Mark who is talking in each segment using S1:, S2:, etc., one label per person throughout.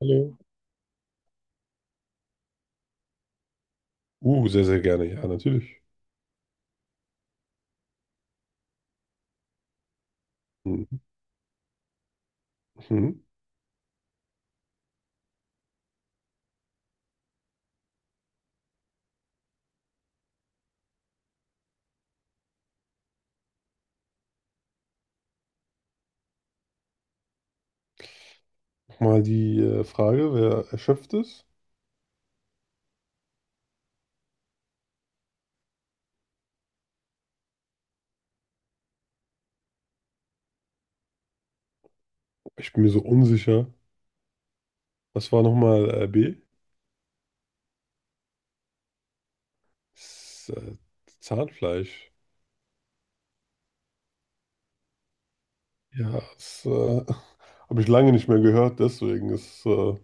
S1: Hallo. Sehr, sehr gerne, ja, natürlich. Mhm. Mhm. Mal die Frage, wer erschöpft ist? Ich bin mir so unsicher. Was war nochmal B? S- äh, Zahnfleisch. Ja, das habe ich lange nicht mehr gehört, deswegen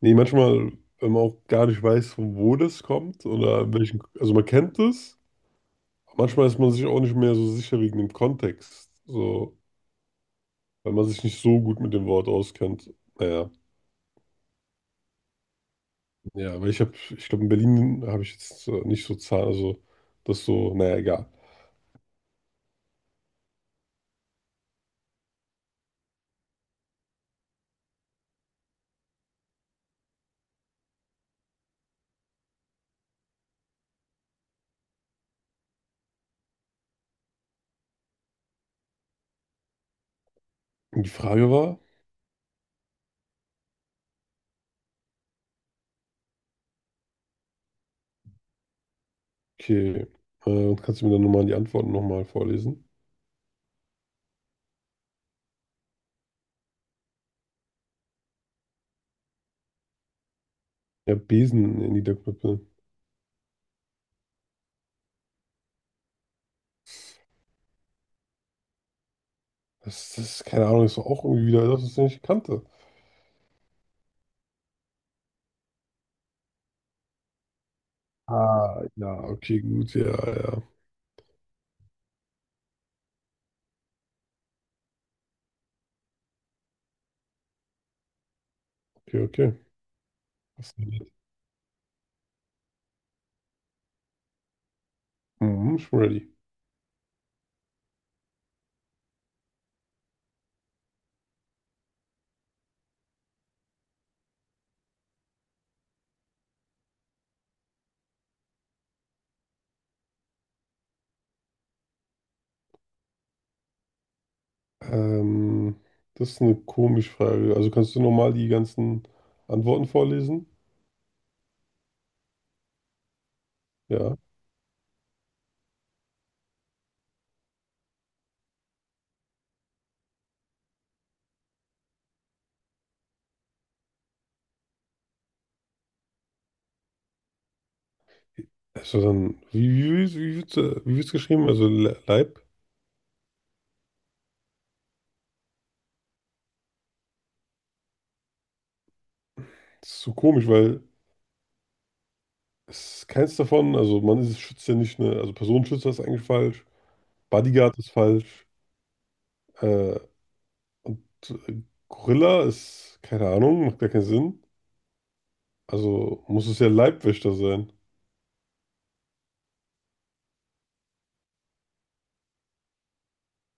S1: nee, manchmal, wenn man auch gar nicht weiß, von wo das kommt oder welchen, also man kennt es, aber manchmal ist man sich auch nicht mehr so sicher wegen dem Kontext, so, weil man sich nicht so gut mit dem Wort auskennt. Naja. Ja, weil ich habe, ich glaube, in Berlin habe ich jetzt nicht so Zahlen, also das so, naja, egal. Und die Frage war, okay, kannst du mir dann nochmal die Antworten nochmal vorlesen? Ja, Besen in Niederknüppel. Das ist, keine Ahnung, ist doch auch irgendwie wieder das, was ich nicht kannte. Ah, ja, okay, gut, ja, ja. Okay, okay. Hast du ready? Mhm, ich bin ready. Ähm, das ist eine komische Frage. Also kannst du nochmal die ganzen Antworten vorlesen? Ja. Also dann, wie wird's, wie wird's geschrieben? Also Leib? Das ist so komisch, weil es ist keins davon. Also man ist schützt ja nicht, ne? Also Personenschützer ist eigentlich falsch. Bodyguard ist falsch. Äh, und äh, Gorilla ist, keine Ahnung, macht gar keinen Sinn. Also muss es ja Leibwächter sein.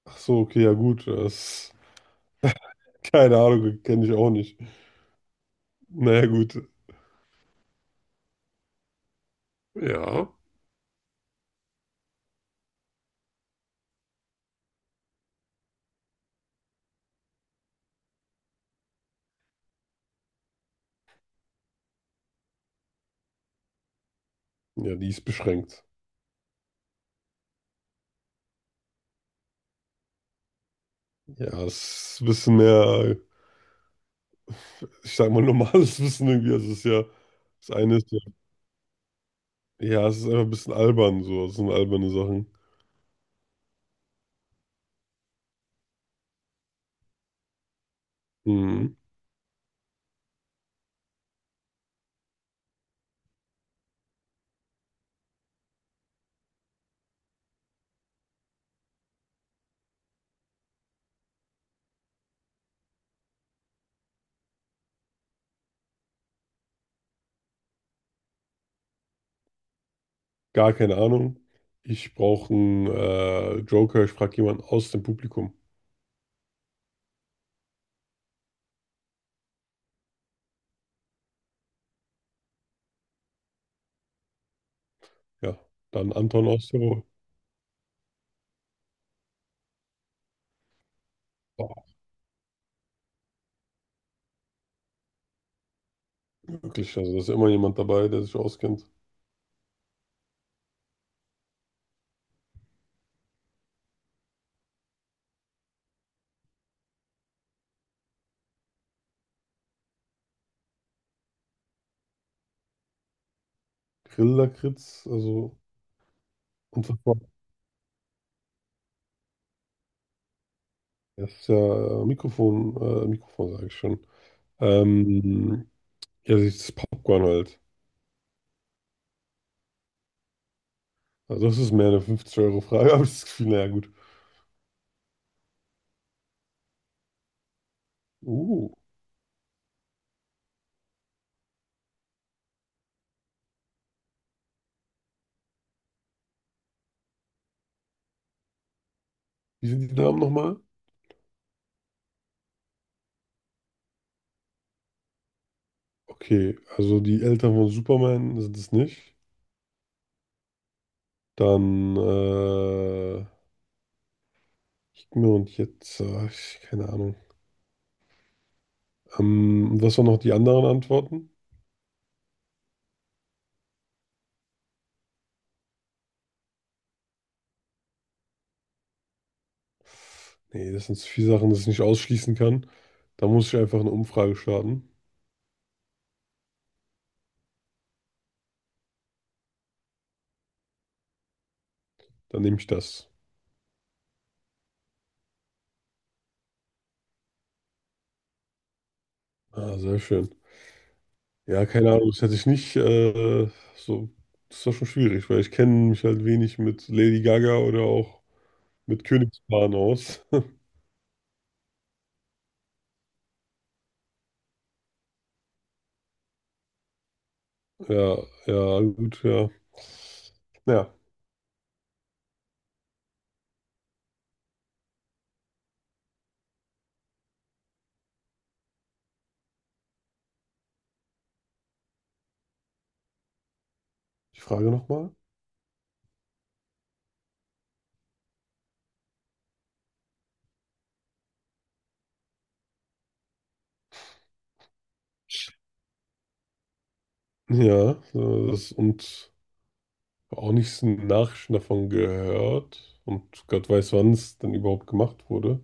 S1: Ach so, okay, ja gut. Das, keine Ahnung, kenne ich auch nicht. Naja, gut. Ja. Ja, die ist beschränkt. Ja, es ist ein bisschen mehr, ich sag mal, normales Wissen irgendwie. Also es ist ja, das eine ist, ja, es ist einfach ein bisschen albern so. Es sind alberne Sachen. Mhm. Gar keine Ahnung. Ich brauche einen Joker. Ich frage jemanden aus dem Publikum. Ja, dann Anton aus Tirol. Boah, wirklich, also da ist ja immer jemand dabei, der sich auskennt. Grillakritz, also unfassbar. Das ist ja Mikrofon, Mikrofon sage ich schon. Ähm, ja, das ist Popcorn halt. Also das ist mehr eine 50-Euro-Frage, aber das Gefühl, naja, gut. Uh, Wie sind die Namen nochmal? Okay, also die Eltern von Superman sind es nicht. Dann, äh, Gib mir und jetzt, keine Ahnung. Und was waren noch die anderen Antworten? Nee, das sind zu viele Sachen, das ich nicht ausschließen kann. Da muss ich einfach eine Umfrage starten. Dann nehme ich das. Ah, sehr schön. Ja, keine Ahnung, das hätte ich nicht, so, das war schon schwierig, weil ich kenne mich halt wenig mit Lady Gaga oder auch mit Königspaaren aus. Ja, ja, gut, ja. Ja. Die Frage nochmal? Ja, das, und auch nichts Nachrichten davon gehört. Und Gott weiß, wann es denn überhaupt gemacht wurde.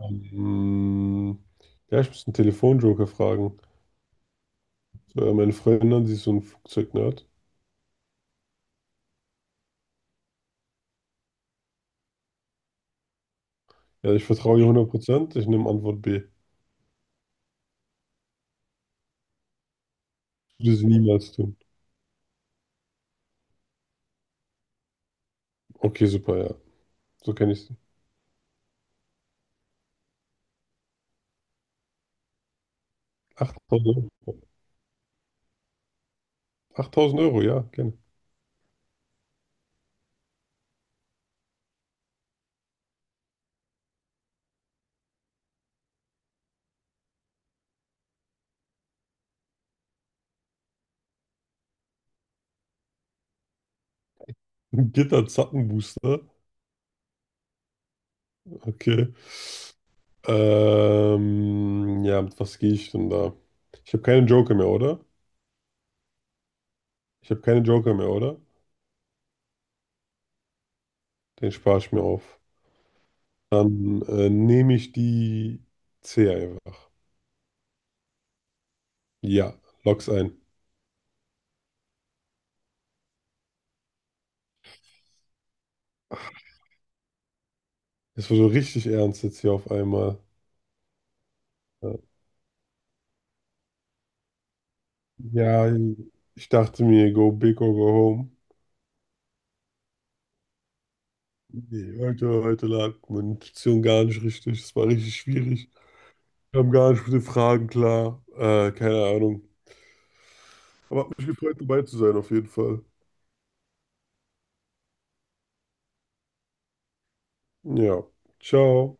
S1: Ähm, ja, ich muss einen Telefonjoker fragen. So, ja, meine Freundin, an, sie ist so ein Flugzeugnerd. Ja, ich vertraue ihr 100%. Ich nehme Antwort B. Würde sie niemals tun. Okay, super, ja. So kenne ich sie. 8000 Euro. 8000 Euro, ja, gerne. Gitter Zappenbooster. Okay. Ja, mit was gehe ich denn da? Ich habe keine Joker mehr, oder? Ich habe keine Joker mehr, oder? Den spare ich mir auf. Dann nehme ich die C einfach. Ja, log's ein. Das war so richtig ernst jetzt hier auf einmal. Ja, ja, ich dachte mir, go big or go home. Nee, heute lag meine Intuition gar nicht richtig. Es war richtig schwierig. Wir haben gar nicht mit den Fragen klar. Keine Ahnung. Aber hat mich gefreut, dabei zu sein, auf jeden Fall. Ja, ciao.